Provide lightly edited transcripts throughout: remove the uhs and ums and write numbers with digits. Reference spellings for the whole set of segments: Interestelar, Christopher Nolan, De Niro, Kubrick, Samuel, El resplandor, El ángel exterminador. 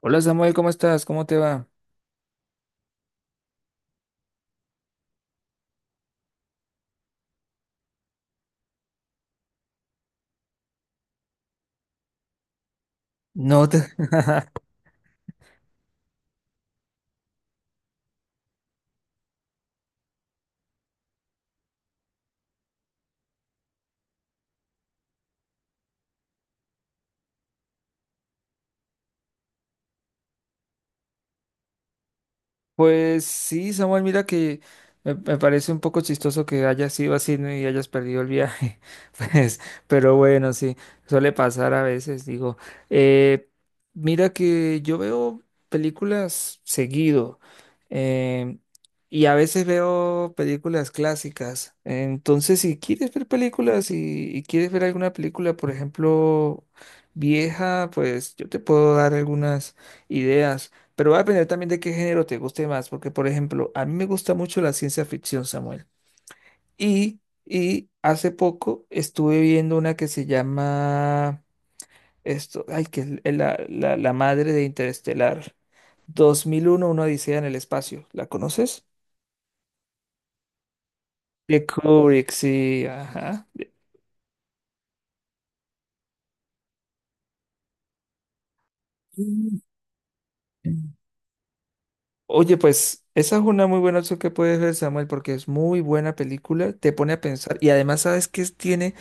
Hola Samuel, ¿cómo estás? ¿Cómo te va? No te... Pues sí, Samuel, mira que me parece un poco chistoso que hayas sido así, ¿no?, y hayas perdido el viaje. Pues, pero bueno, sí, suele pasar a veces, digo. Eh, mira que yo veo películas seguido em, y a veces veo películas clásicas. Entonces, si quieres ver películas y quieres ver alguna película, por ejemplo, vieja, pues yo te puedo dar algunas ideas. Pero va a depender también de qué género te guste más, porque por ejemplo, a mí me gusta mucho la ciencia ficción, Samuel. Y, y hace poco estuve viendo una que se llama esto, ay, que es la madre de Interestelar, 2001, una odisea en el espacio. ¿La conoces? De Kubrick, sí, ajá. Mm. Oye, pues esa es una muy buena opción que puedes ver, Samuel, porque es muy buena película, te pone a pensar y además sabes tiene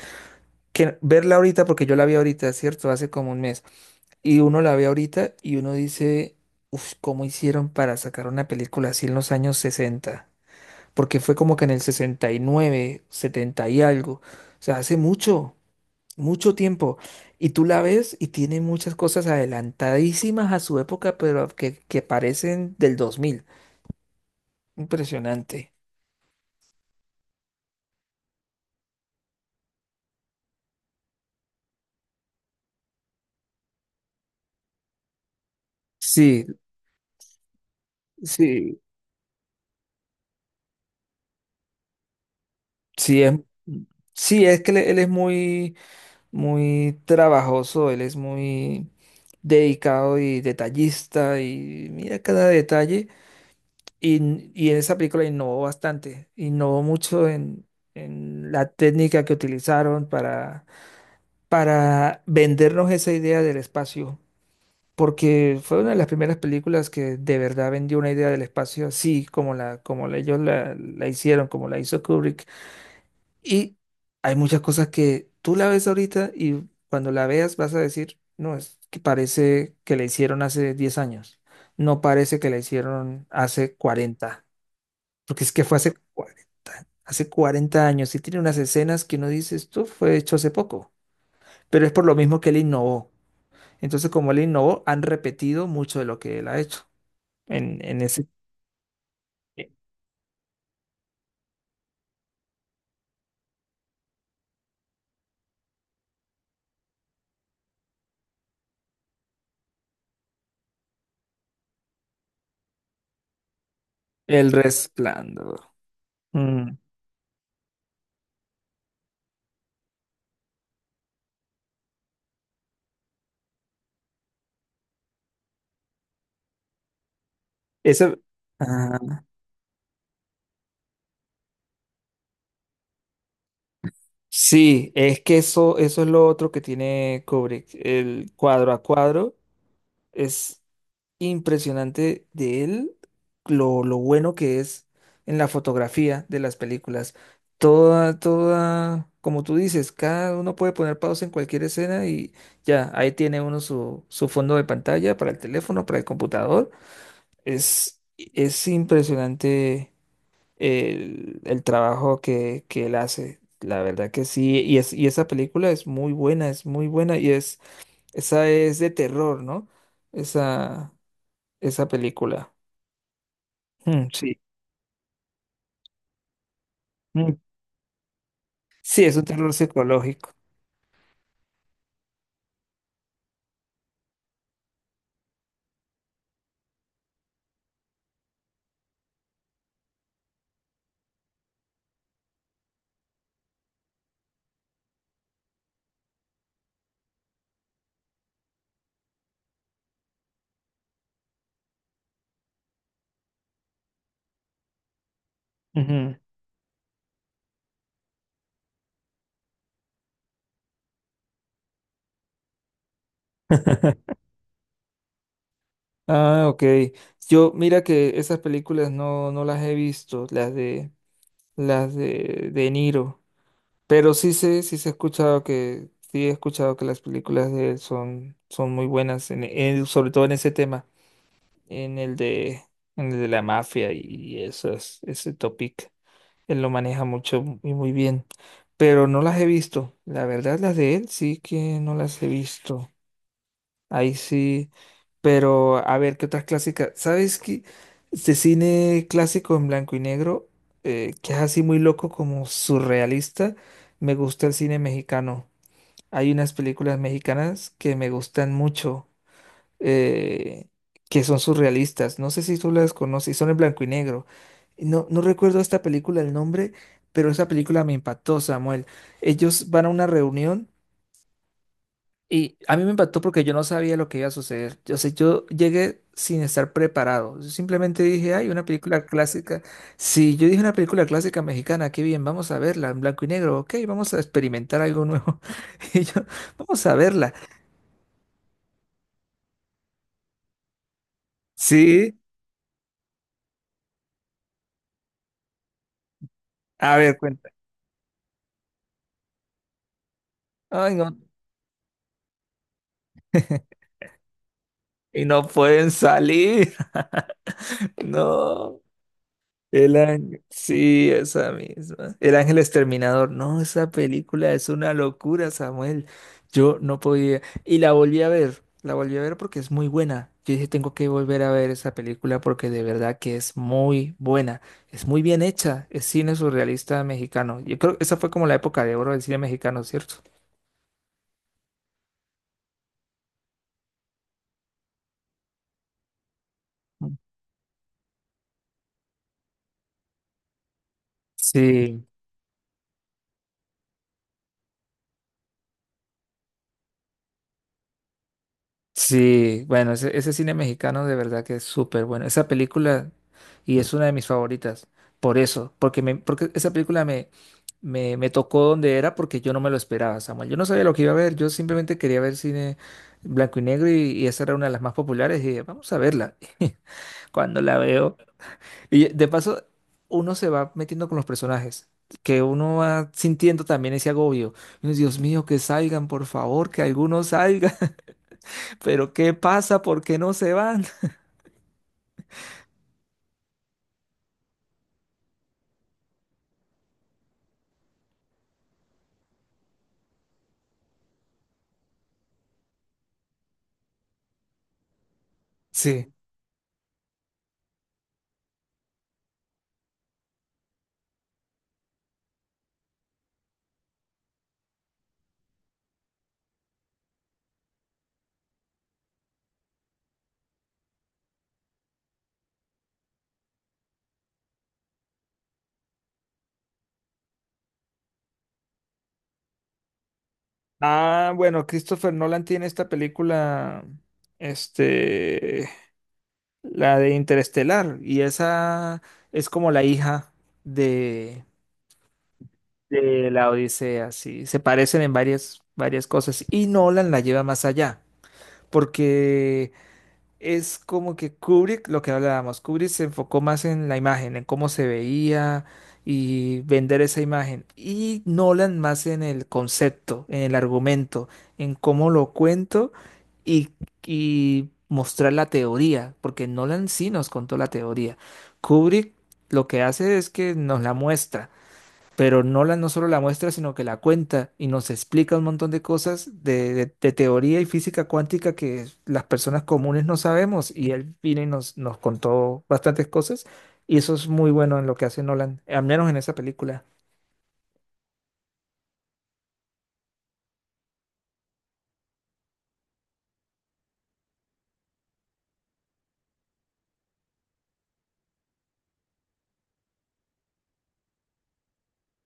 que verla ahorita, porque yo la vi ahorita, ¿cierto? Hace como un mes. Y uno la ve ahorita y uno dice, uff, ¿cómo hicieron para sacar una película así en los años 60? Porque fue como que en el 69, 70 y algo. O sea, hace mucho, mucho tiempo. Y tú la ves y tiene muchas cosas adelantadísimas a su época, pero que parecen del 2000. Impresionante. Sí, sí, sí, sí, es que él es muy... muy trabajoso, él es muy dedicado y detallista y mira cada detalle. Y en esa película innovó bastante, innovó mucho en la técnica que utilizaron para vendernos esa idea del espacio, porque fue una de las primeras películas que de verdad vendió una idea del espacio así como ellos la hicieron, como la hizo Kubrick. Y hay muchas cosas que tú la ves ahorita y cuando la veas vas a decir, no, es que parece que la hicieron hace 10 años, no parece que la hicieron hace 40, porque es que fue hace cuarenta años y tiene unas escenas que uno dice, esto fue hecho hace poco, pero es por lo mismo que él innovó. Entonces, como él innovó, han repetido mucho de lo que él ha hecho en, en ese... El resplandor. Mm. Esa... Sí, es que eso es lo otro que tiene Kubrick. El cuadro a cuadro es impresionante de él, lo bueno que es en la fotografía de las películas. Toda, toda, como tú dices, cada uno puede poner pausa en cualquier escena y ya, ahí tiene uno su fondo de pantalla para el teléfono, para el computador. Es impresionante el trabajo que él hace. La verdad que sí. Y esa película es muy buena, es muy buena. Esa es de terror, ¿no? Esa, esa película. Mm, sí. Mm. Sí, es un terror psicológico. Ujú. Ah, OK. Yo, mira que esas películas no, no las he visto, las de De Niro. Pero sí sé, sí se ha escuchado que, sí he escuchado que las películas de él son muy buenas, sobre todo en ese tema, en el de, en el de la mafia y ese topic. Él lo maneja mucho y muy bien. Pero no las he visto. La verdad, las de él sí que no las he visto. Ahí sí, pero a ver, ¿qué otras clásicas? ¿Sabes qué? Este cine clásico en blanco y negro, que es así muy loco, como surrealista. Me gusta el cine mexicano. Hay unas películas mexicanas que me gustan mucho, eh, que son surrealistas. No sé si tú las conoces, son en blanco y negro. No, no recuerdo esta película el nombre, pero esa película me impactó, Samuel. Ellos van a una reunión. Y a mí me impactó porque yo no sabía lo que iba a suceder. Yo sé, yo llegué sin estar preparado. Yo simplemente dije, ay, una película clásica. Si yo dije una película clásica mexicana, qué bien, vamos a verla en blanco y negro. OK, vamos a experimentar algo nuevo. Y yo, vamos a verla. Sí, a ver, cuenta. Ay, no. Y no pueden salir. No. El ángel, sí, esa misma. El ángel exterminador. No, esa película es una locura, Samuel. Yo no podía. Y la volví a ver. La volví a ver porque es muy buena. Yo dije, tengo que volver a ver esa película porque de verdad que es muy buena. Es muy bien hecha. Es cine surrealista mexicano. Yo creo que esa fue como la época de oro del cine mexicano, ¿cierto? Mm. Sí. Sí, bueno, ese cine mexicano de verdad que es súper bueno. Esa película, y es una de mis favoritas, por eso, porque esa película me tocó donde era, porque yo no me lo esperaba, Samuel. Yo no sabía lo que iba a ver, yo simplemente quería ver cine blanco y negro y esa era una de las más populares y dije, vamos a verla cuando la veo. Y de paso, uno se va metiendo con los personajes. Que uno va sintiendo también ese agobio. Y uno dice, Dios mío, que salgan, por favor, que algunos salgan. ¿Pero qué pasa? ¿Por qué no se van? Sí. Ah, bueno, Christopher Nolan tiene esta película, este, la de Interestelar, y esa es como la hija de, de la Odisea, sí, se parecen en varias cosas, y Nolan la lleva más allá, porque es como que Kubrick, lo que hablábamos, Kubrick se enfocó más en la imagen, en cómo se veía y vender esa imagen. Y Nolan más en el concepto, en el argumento, en cómo lo cuento y, y mostrar la teoría, porque Nolan sí nos contó la teoría. Kubrick lo que hace es que nos la muestra. Pero Nolan no solo la muestra, sino que la cuenta y nos explica un montón de cosas de teoría y física cuántica que las personas comunes no sabemos. Y él vino y nos contó bastantes cosas. Y eso es muy bueno en lo que hace Nolan, al menos en esa película.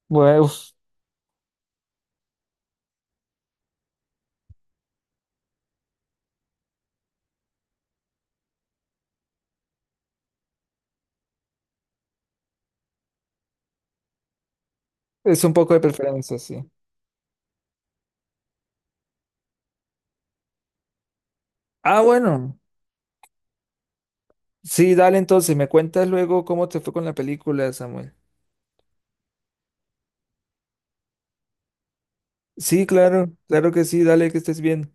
Bueno, uf, es un poco de preferencia, sí. Ah, bueno. Sí, dale entonces. Me cuentas luego cómo te fue con la película, Samuel. Sí, claro, claro que sí. Dale, que estés bien.